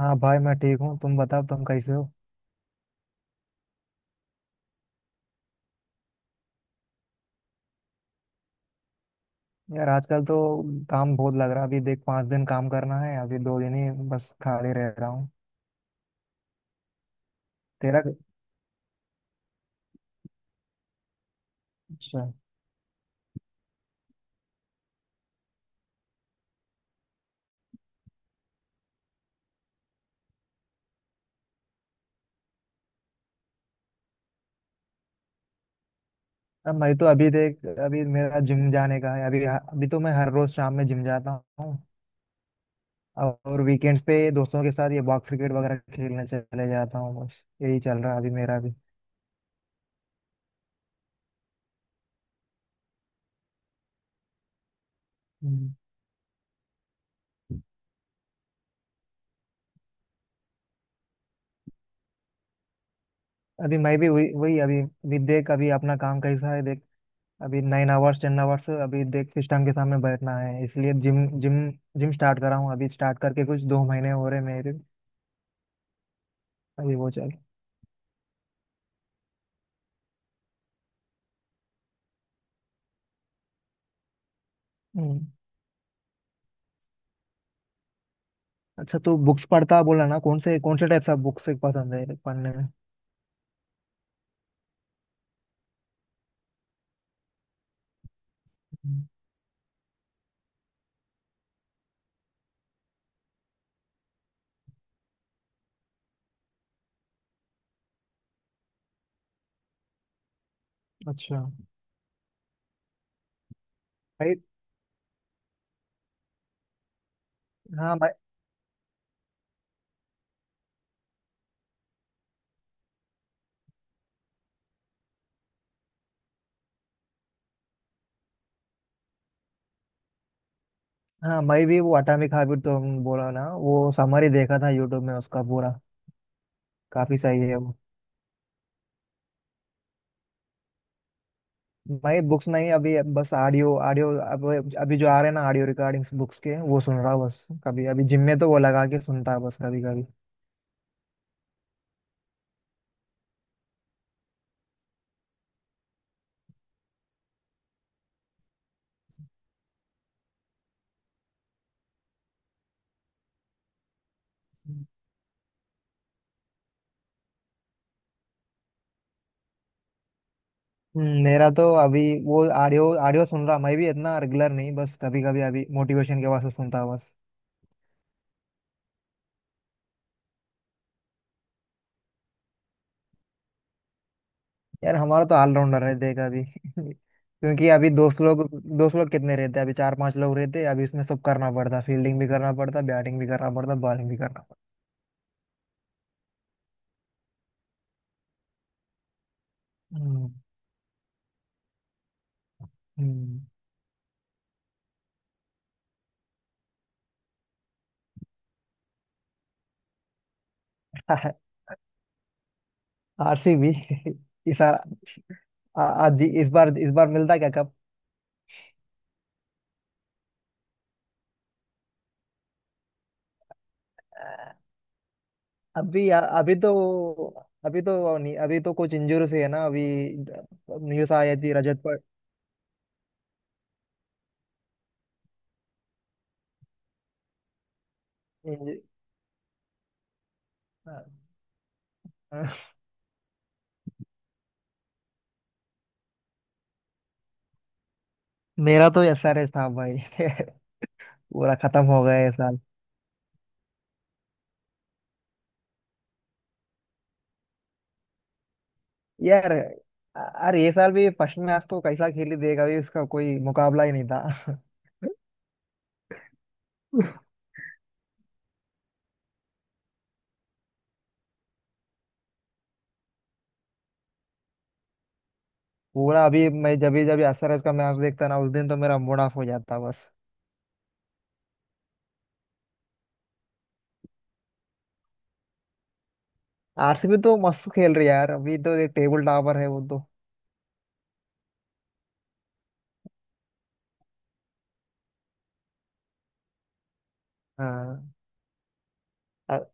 हाँ भाई मैं ठीक हूँ। तुम बताओ तुम कैसे हो। यार आजकल तो काम बहुत लग रहा है। अभी देख पाँच दिन काम करना है, अभी दो दिन ही बस खाली रह रहा हूँ। तेरा अच्छा। अब मैं तो अभी देख, अभी मेरा जिम जाने का है। अभी अभी तो मैं हर रोज शाम में जिम जाता हूँ और वीकेंड्स पे दोस्तों के साथ ये बॉक्स क्रिकेट वगैरह खेलने चले जाता हूँ। बस यही चल रहा है अभी मेरा भी। हम्म। अभी मैं भी वही वही अभी अभी देख, अभी अपना काम कैसा है देख। अभी नाइन आवर्स टेन आवर्स अभी देख सिस्टम के सामने बैठना है, इसलिए जिम जिम जिम स्टार्ट करा हूँ। अभी स्टार्ट करके कुछ दो महीने हो रहे मेरे। अभी वो चल। हम्म अच्छा, तो बुक्स पढ़ता बोला ना, कौन से टाइप का बुक्स पसंद है पढ़ने में। हम्म, अच्छा। भाई। हाँ मैं। हाँ मैं भी वो अटामिक हैबिट तो बोला ना, वो समरी देखा था यूट्यूब में उसका पूरा। काफी सही है वो। मैं बुक्स नहीं, अभी बस ऑडियो ऑडियो अब अभी जो आ रहे हैं ना ऑडियो रिकॉर्डिंग्स बुक्स के, वो सुन रहा हूँ बस। कभी अभी जिम में तो वो लगा के सुनता है बस, कभी कभी। हम्म, मेरा तो अभी वो ऑडियो ऑडियो सुन रहा मैं भी, इतना रेगुलर नहीं, बस कभी कभी अभी मोटिवेशन के वास्ते सुनता हूँ बस। यार हमारा तो ऑलराउंडर है देख अभी क्योंकि अभी दोस्त लोग कितने रहते हैं, अभी चार पांच लोग रहते हैं, अभी इसमें सब करना पड़ता, फील्डिंग भी करना पड़ता, बैटिंग भी करना पड़ता, बॉलिंग भी करना पड़ता। हम्म। आरसीबी। इस आ- आ- आज जी- इस बार, इस बार मिलता क्या कप। अभी अभी तो, अभी तो नहीं, अभी तो कुछ इंजूर हुई है ना अभी। न्यूज आई थी रजत पर। इंजु- मेरा तो एस आर एस था भाई पूरा खत्म हो गया ये साल यार। अरे ये साल भी फर्स्ट मैच तो कैसा खेली देगा, अभी उसका कोई मुकाबला ही नहीं था। पूरा अभी मैं जब भी एस आर एस का मैच देखता ना, उस दिन तो मेरा मूड ऑफ हो जाता बस। आरसीबी तो मस्त खेल रही है यार, अभी तो एक टेबल टॉपर है वो तो। हाँ। अ-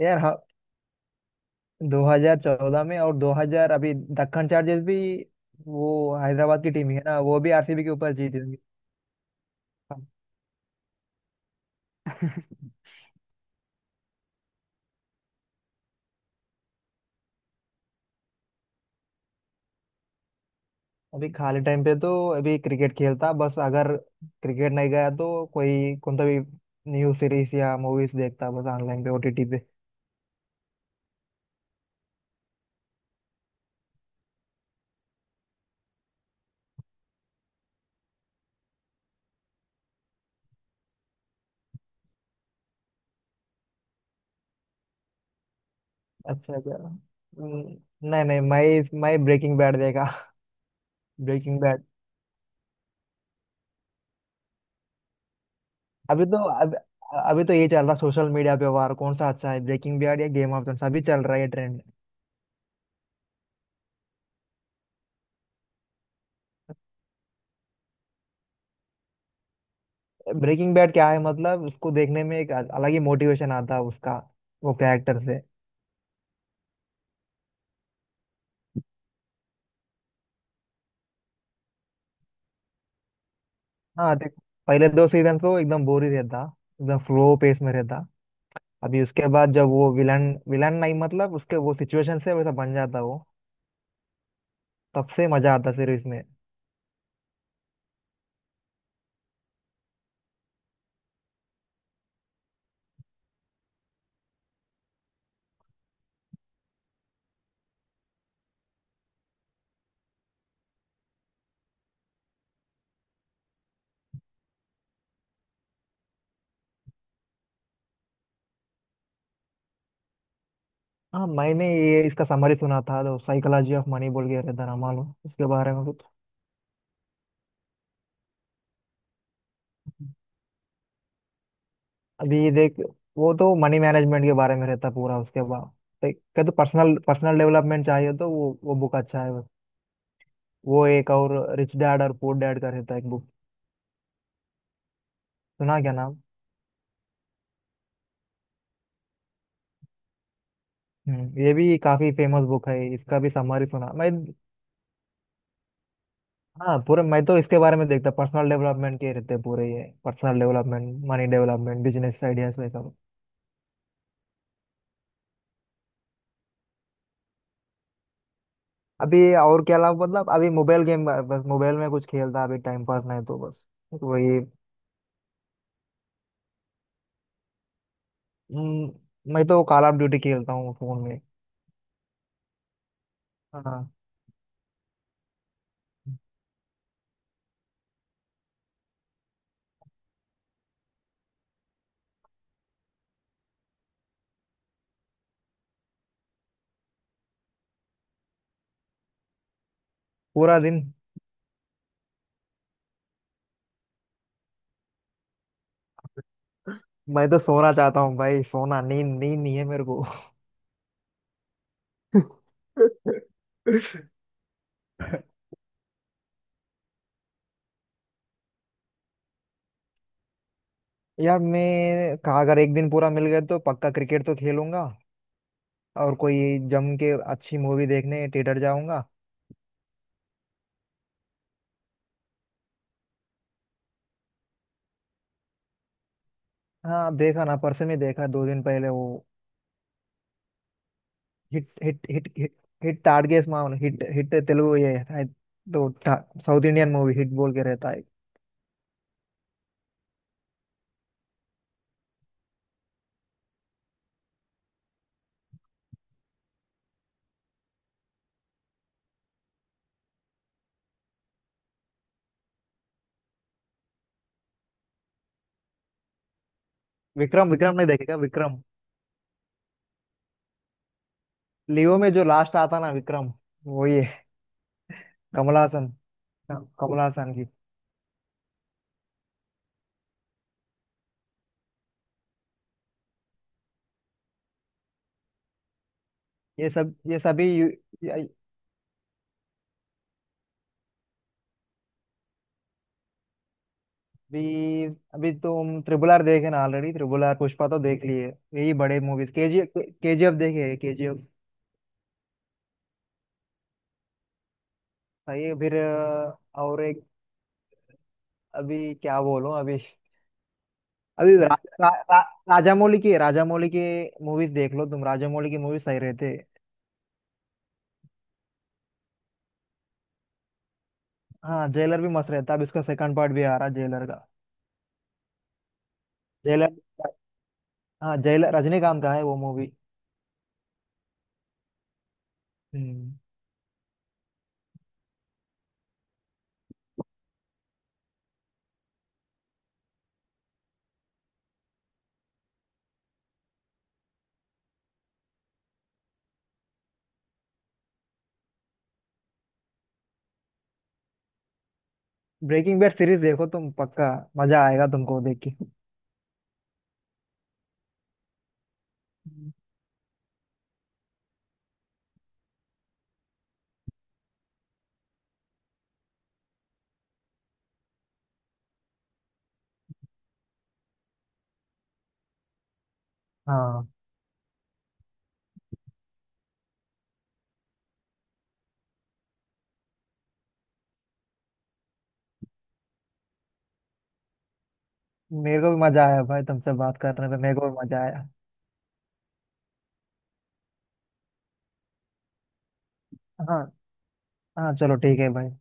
यार 2014 में और 2000, अभी दक्कन चार्जर्स भी वो हैदराबाद की टीम ही है ना, वो भी आरसीबी के ऊपर जीती होंगी। हाँ, अभी खाली टाइम पे तो अभी क्रिकेट खेलता बस। अगर क्रिकेट नहीं गया तो कोई कौन सा भी न्यूज सीरीज या मूवीज देखता बस, ऑनलाइन पे ओटीटी पे। अच्छा अच्छा। नहीं नहीं मैं ब्रेकिंग बैड देखा ब्रेकिंग बैड। अभी तो अब अभी तो ये चल रहा सोशल मीडिया पे वार, कौन सा अच्छा है ब्रेकिंग बैड या गेम ऑफ थ्रोन्स, अभी चल रहा है ये ट्रेंड। ब्रेकिंग बैड क्या है मतलब, उसको देखने में एक अलग ही मोटिवेशन आता है उसका, वो कैरेक्टर से। हाँ देख, पहले दो सीजन तो एकदम बोर ही रहता, एकदम स्लो पेस में रहता। अभी उसके बाद जब वो विलन विलन नहीं मतलब उसके वो सिचुएशन से वैसा बन जाता वो, तब से मजा आता सीरीज में। हाँ मैंने ये इसका समरी सुना था, तो साइकोलॉजी ऑफ मनी बोल के रहता रामाल, उसके बारे में कुछ। अभी देख, वो तो मनी मैनेजमेंट के बारे में रहता पूरा। उसके बाद देख क्या, तो पर्सनल पर्सनल डेवलपमेंट चाहिए तो वो बुक अच्छा है वो। एक और रिच डैड और पुअर डैड का रहता है एक बुक। सुना क्या नाम। हम्म, ये भी काफी फेमस बुक है, इसका भी समरी सुना मैं। हाँ पूरे, मैं तो इसके बारे में देखता, पर्सनल डेवलपमेंट के रहते हैं पूरे ये, personal development, money development, business ideas वैसा सब। अभी और क्या अलावा, मतलब अभी मोबाइल गेम, बस मोबाइल में कुछ खेलता अभी टाइम पास, नहीं तो बस वही। मैं तो कॉल ऑफ ड्यूटी खेलता हूँ फोन में। हाँ। पूरा दिन मैं तो सोना चाहता हूँ भाई, सोना, नींद नींद नहीं है मेरे को यार मैं कहा अगर एक दिन पूरा मिल गया तो पक्का क्रिकेट तो खेलूंगा, और कोई जम के अच्छी मूवी देखने थिएटर जाऊंगा। हाँ देखा ना, परसों में देखा दो दिन पहले वो hit hit hit hit hit टाडगेस मामन, हिट हिट तेलुगु ये है तो साउथ इंडियन मूवी, हिट बोल के रहता है। विक्रम विक्रम नहीं देखेगा विक्रम। लियो में जो लास्ट आता ना विक्रम, वो ये कमल हासन। हाँ, कमल हासन की। ये सब, ये सभी अभी अभी तुम ट्रिपल आर देखे ना ऑलरेडी, ट्रिपल आर पुष्पा तो देख लिए, यही बड़े मूवीज। केजी केजीएफ देखे, केजीएफ। सही है। फिर और एक, अभी क्या बोलूं अभी। अभी रा, रा, रा, राजामौली की, राजामौली की मूवीज देख लो तुम, राजामौली की मूवीज सही रहते। हाँ जेलर भी मस्त रहता, अब इसका सेकंड पार्ट भी आ रहा जेलर का। जेलर, हाँ जेलर रजनीकांत का है वो मूवी। हम्म। ब्रेकिंग बैड सीरीज देखो तुम पक्का, मजा आएगा तुमको देख के। हम्म। मेरे को भी मजा आया भाई, तुमसे बात करने पे मेरे को भी मजा आया। हाँ। हाँ चलो ठीक है भाई।